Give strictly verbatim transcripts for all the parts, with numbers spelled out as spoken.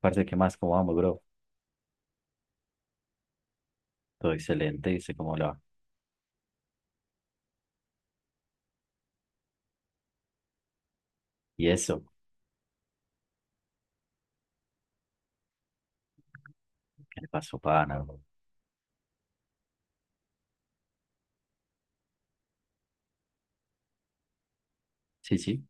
Parce, ¿qué más? ¿Cómo vamos, bro? Todo excelente, dice, ¿cómo le va? ¿Y eso? ¿Qué le pasó, pana, bro? Sí, sí,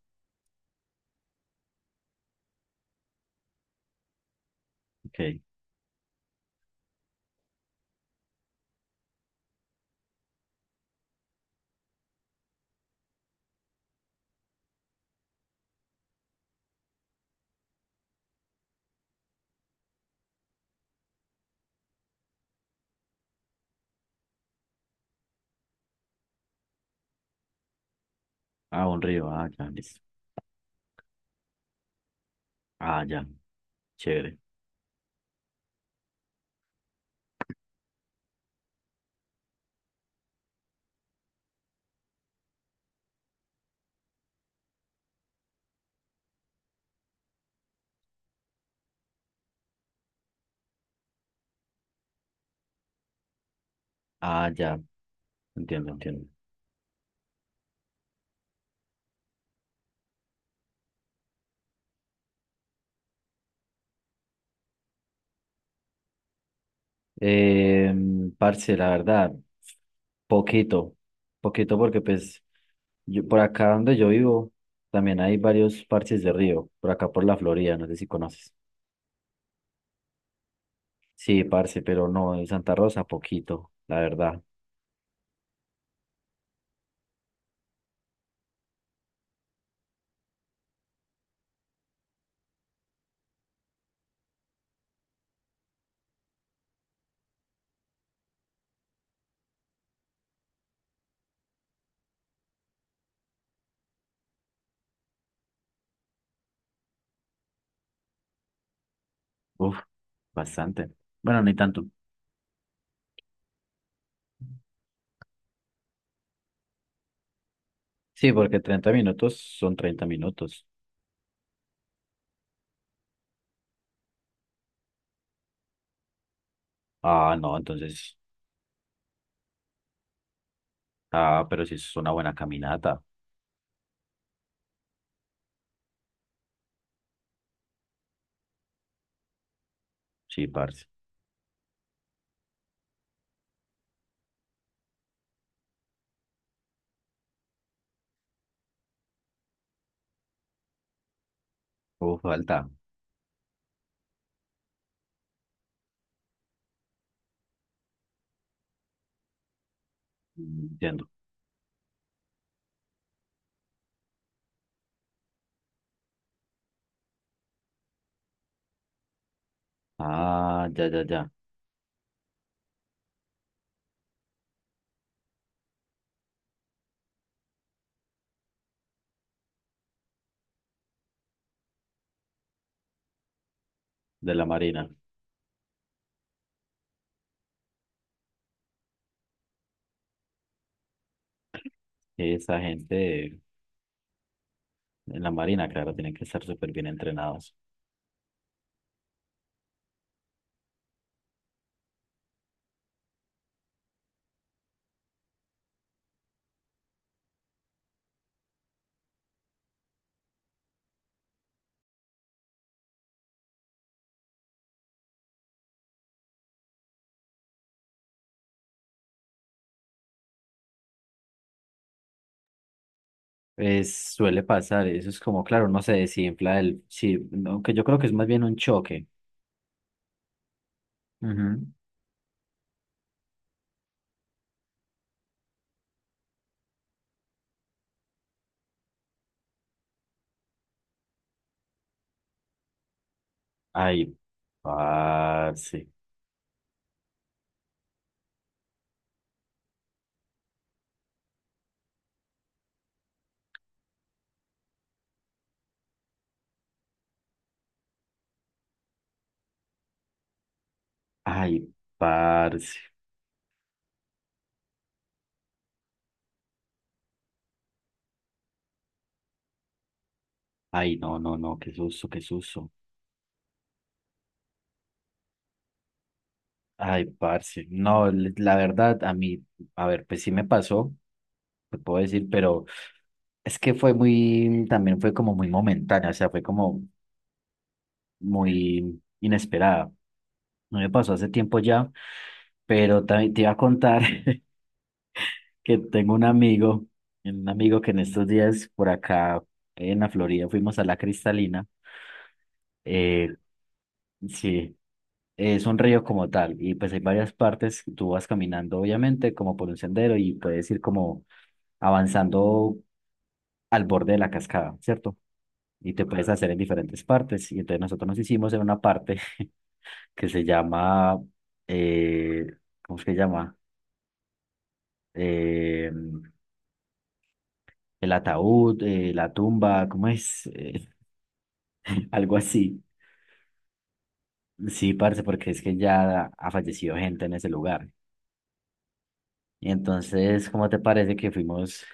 ok. Ah, un río, ah, ya, listo. Ah, ya, chévere. Ah, ya, entiendo, entiendo. Eh, Parce, la verdad, poquito, poquito porque pues yo, por acá donde yo vivo también hay varios parches de río, por acá por la Florida, no sé si conoces. Sí, parce, pero no, en Santa Rosa, poquito, la verdad. Uf, bastante. Bueno, ni tanto. Sí, porque treinta minutos son treinta minutos. Ah, no, entonces. Ah, pero sí es una buena caminata. Sí, parce. Uf, falta. Entiendo. Ah, ya, ya, ya. De la Marina. Esa gente en la Marina, claro, tienen que estar súper bien entrenados. Es, suele pasar, eso es como, claro, no se desinfla el. Sí, aunque yo creo que es más bien un choque. Ujú. Ay, parce. Ay, parce. Ay, no, no, no, qué susto, qué susto. Ay, parce, no, l- la verdad, a mí, a ver, pues sí me pasó, te puedo decir, pero es que fue muy, también fue como muy momentánea, o sea, fue como muy inesperada. No me pasó hace tiempo ya, pero también te iba a contar que tengo un amigo, un amigo que en estos días por acá en la Florida fuimos a la Cristalina. Eh, sí, es un río como tal, y pues hay varias partes, tú vas caminando obviamente como por un sendero y puedes ir como avanzando al borde de la cascada, ¿cierto? Y te puedes hacer en diferentes partes. Y entonces nosotros nos hicimos en una parte que se llama, eh, ¿cómo es que se llama? Eh, el ataúd, eh, la tumba, ¿cómo es? Eh, algo así. Sí, parce, porque es que ya ha fallecido gente en ese lugar. Y entonces, ¿cómo te parece que fuimos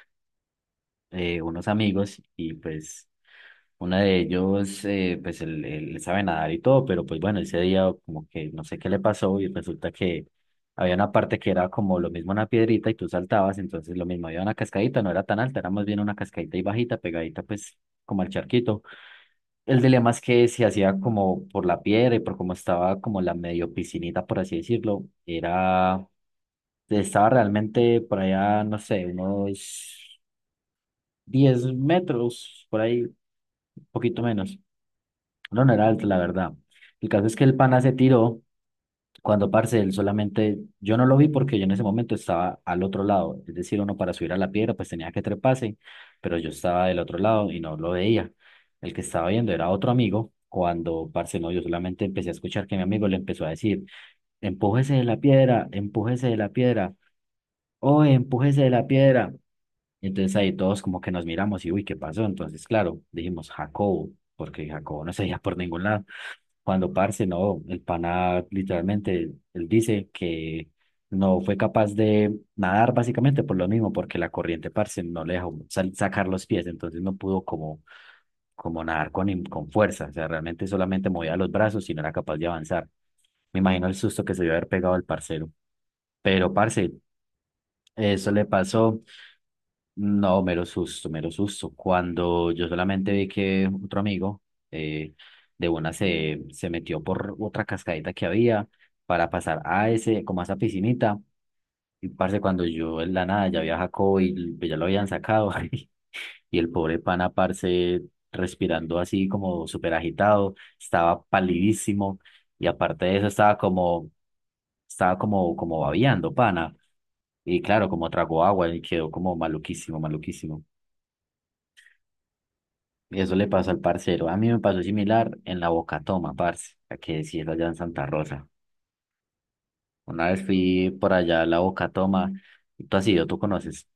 eh, unos amigos y pues una de ellos, eh, pues él, él sabe nadar y todo, pero pues bueno, ese día como que no sé qué le pasó y resulta que había una parte que era como lo mismo una piedrita y tú saltabas, entonces lo mismo, había una cascadita, no era tan alta, era más bien una cascadita y bajita, pegadita pues como al charquito. El dilema es que se hacía como por la piedra y por cómo estaba como la medio piscinita, por así decirlo, era, estaba realmente por allá, no sé, unos diez metros, por ahí, poquito menos. No, no era alto, la verdad. El caso es que el pana se tiró cuando, parce, él solamente, yo no lo vi porque yo en ese momento estaba al otro lado, es decir, uno para subir a la piedra pues tenía que treparse, pero yo estaba del otro lado y no lo veía. El que estaba viendo era otro amigo, cuando, parce, no, yo solamente empecé a escuchar que mi amigo le empezó a decir, empújese de la piedra, empújese de la piedra, oye, empújese de la piedra. Y entonces ahí todos como que nos miramos y, uy, ¿qué pasó? Entonces, claro, dijimos, Jacobo, porque Jacobo no se veía por ningún lado. Cuando parce, no, el pana literalmente, él dice que no fue capaz de nadar básicamente por lo mismo, porque la corriente, parce, no le dejó sal- sacar los pies, entonces no pudo como, como nadar con, im- con fuerza, o sea, realmente solamente movía los brazos y no era capaz de avanzar. Me imagino el susto que se debió haber pegado el parcero, pero parce, eso le pasó. No, mero susto, mero susto. Cuando yo solamente vi que otro amigo eh, de una se, se metió por otra cascadita que había para pasar a ese, como a esa piscinita. Y parce, cuando yo en la nada ya había Jacobo y pues, ya lo habían sacado. Y el pobre pana, parce, respirando así como súper agitado, estaba palidísimo. Y aparte de eso, estaba como, estaba como, como babeando, pana. Y claro, como tragó agua y quedó como maluquísimo, maluquísimo. Eso le pasó al parcero. A mí me pasó similar en la Bocatoma parce, la que sí es allá en Santa Rosa. Una vez fui por allá a la Bocatoma. Tú has ido, tú conoces.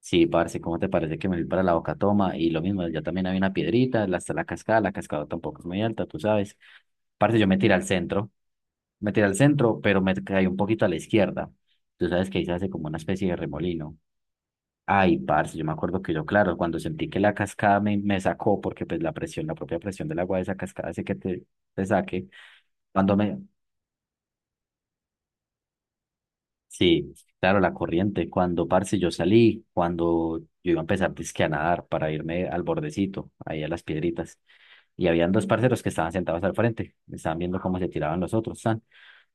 Sí, parce, ¿cómo te parece que me fui para la Bocatoma? Y lo mismo, allá también había una piedrita, la- está la cascada, la cascada tampoco es muy alta, tú sabes. Parce, yo me tiré al centro, me tiré al centro, pero me caí un poquito a la izquierda. Tú sabes que ahí se hace como una especie de remolino. Ay, parce, yo me acuerdo que yo, claro, cuando sentí que la cascada me, me sacó, porque pues la presión, la propia presión del agua de esa cascada hace que te, te saque. Cuando me, sí, claro, la corriente. Cuando, parce, yo salí, cuando yo iba a empezar dizque a nadar para irme al bordecito, ahí a las piedritas. Y habían dos parceros que estaban sentados al frente, estaban viendo cómo se tiraban los otros, tan.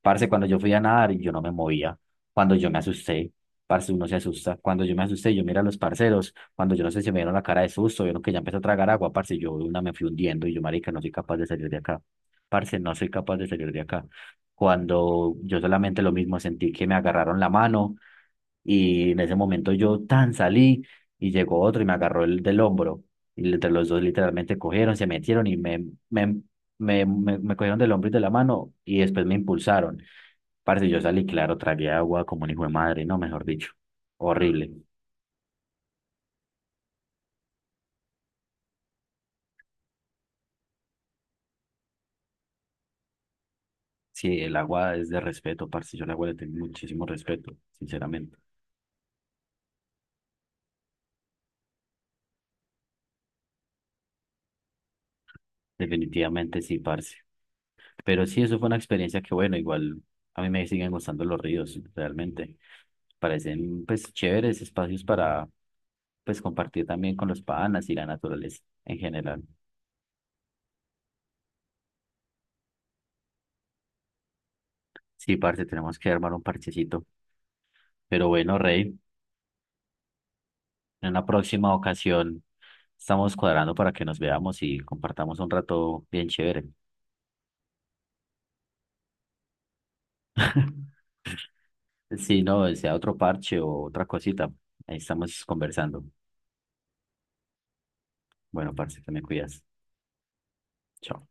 Parce, cuando yo fui a nadar, yo no me movía, cuando yo me asusté, parce, uno se asusta, cuando yo me asusté, yo miré a los parceros, cuando yo no sé si me dieron la cara de susto, vieron que ya empezó a tragar agua, parce, yo de una me fui hundiendo y yo, marica, no soy capaz de salir de acá, parce, no soy capaz de salir de acá. Cuando yo solamente lo mismo sentí que me agarraron la mano y en ese momento yo tan salí y llegó otro y me agarró el del hombro. Y entre los dos literalmente cogieron, se metieron y me, me, me, me, me cogieron del hombro y de la mano y después me impulsaron. Parce, yo salí, claro, tragué agua como un hijo de madre, no, mejor dicho, horrible. Sí, el agua es de respeto, parce, yo el agua le tengo muchísimo respeto, sinceramente. Definitivamente sí, parce. Pero sí, eso fue una experiencia que, bueno, igual a mí me siguen gustando los ríos, realmente. Parecen, pues, chéveres espacios para, pues, compartir también con los panas y la naturaleza en general. Sí, parce, tenemos que armar un parchecito. Pero bueno, Rey, en una próxima ocasión estamos cuadrando para que nos veamos y compartamos un rato bien chévere. Sí, no, sea otro parche o otra cosita. Ahí estamos conversando. Bueno, parce, te me cuidas. Chao.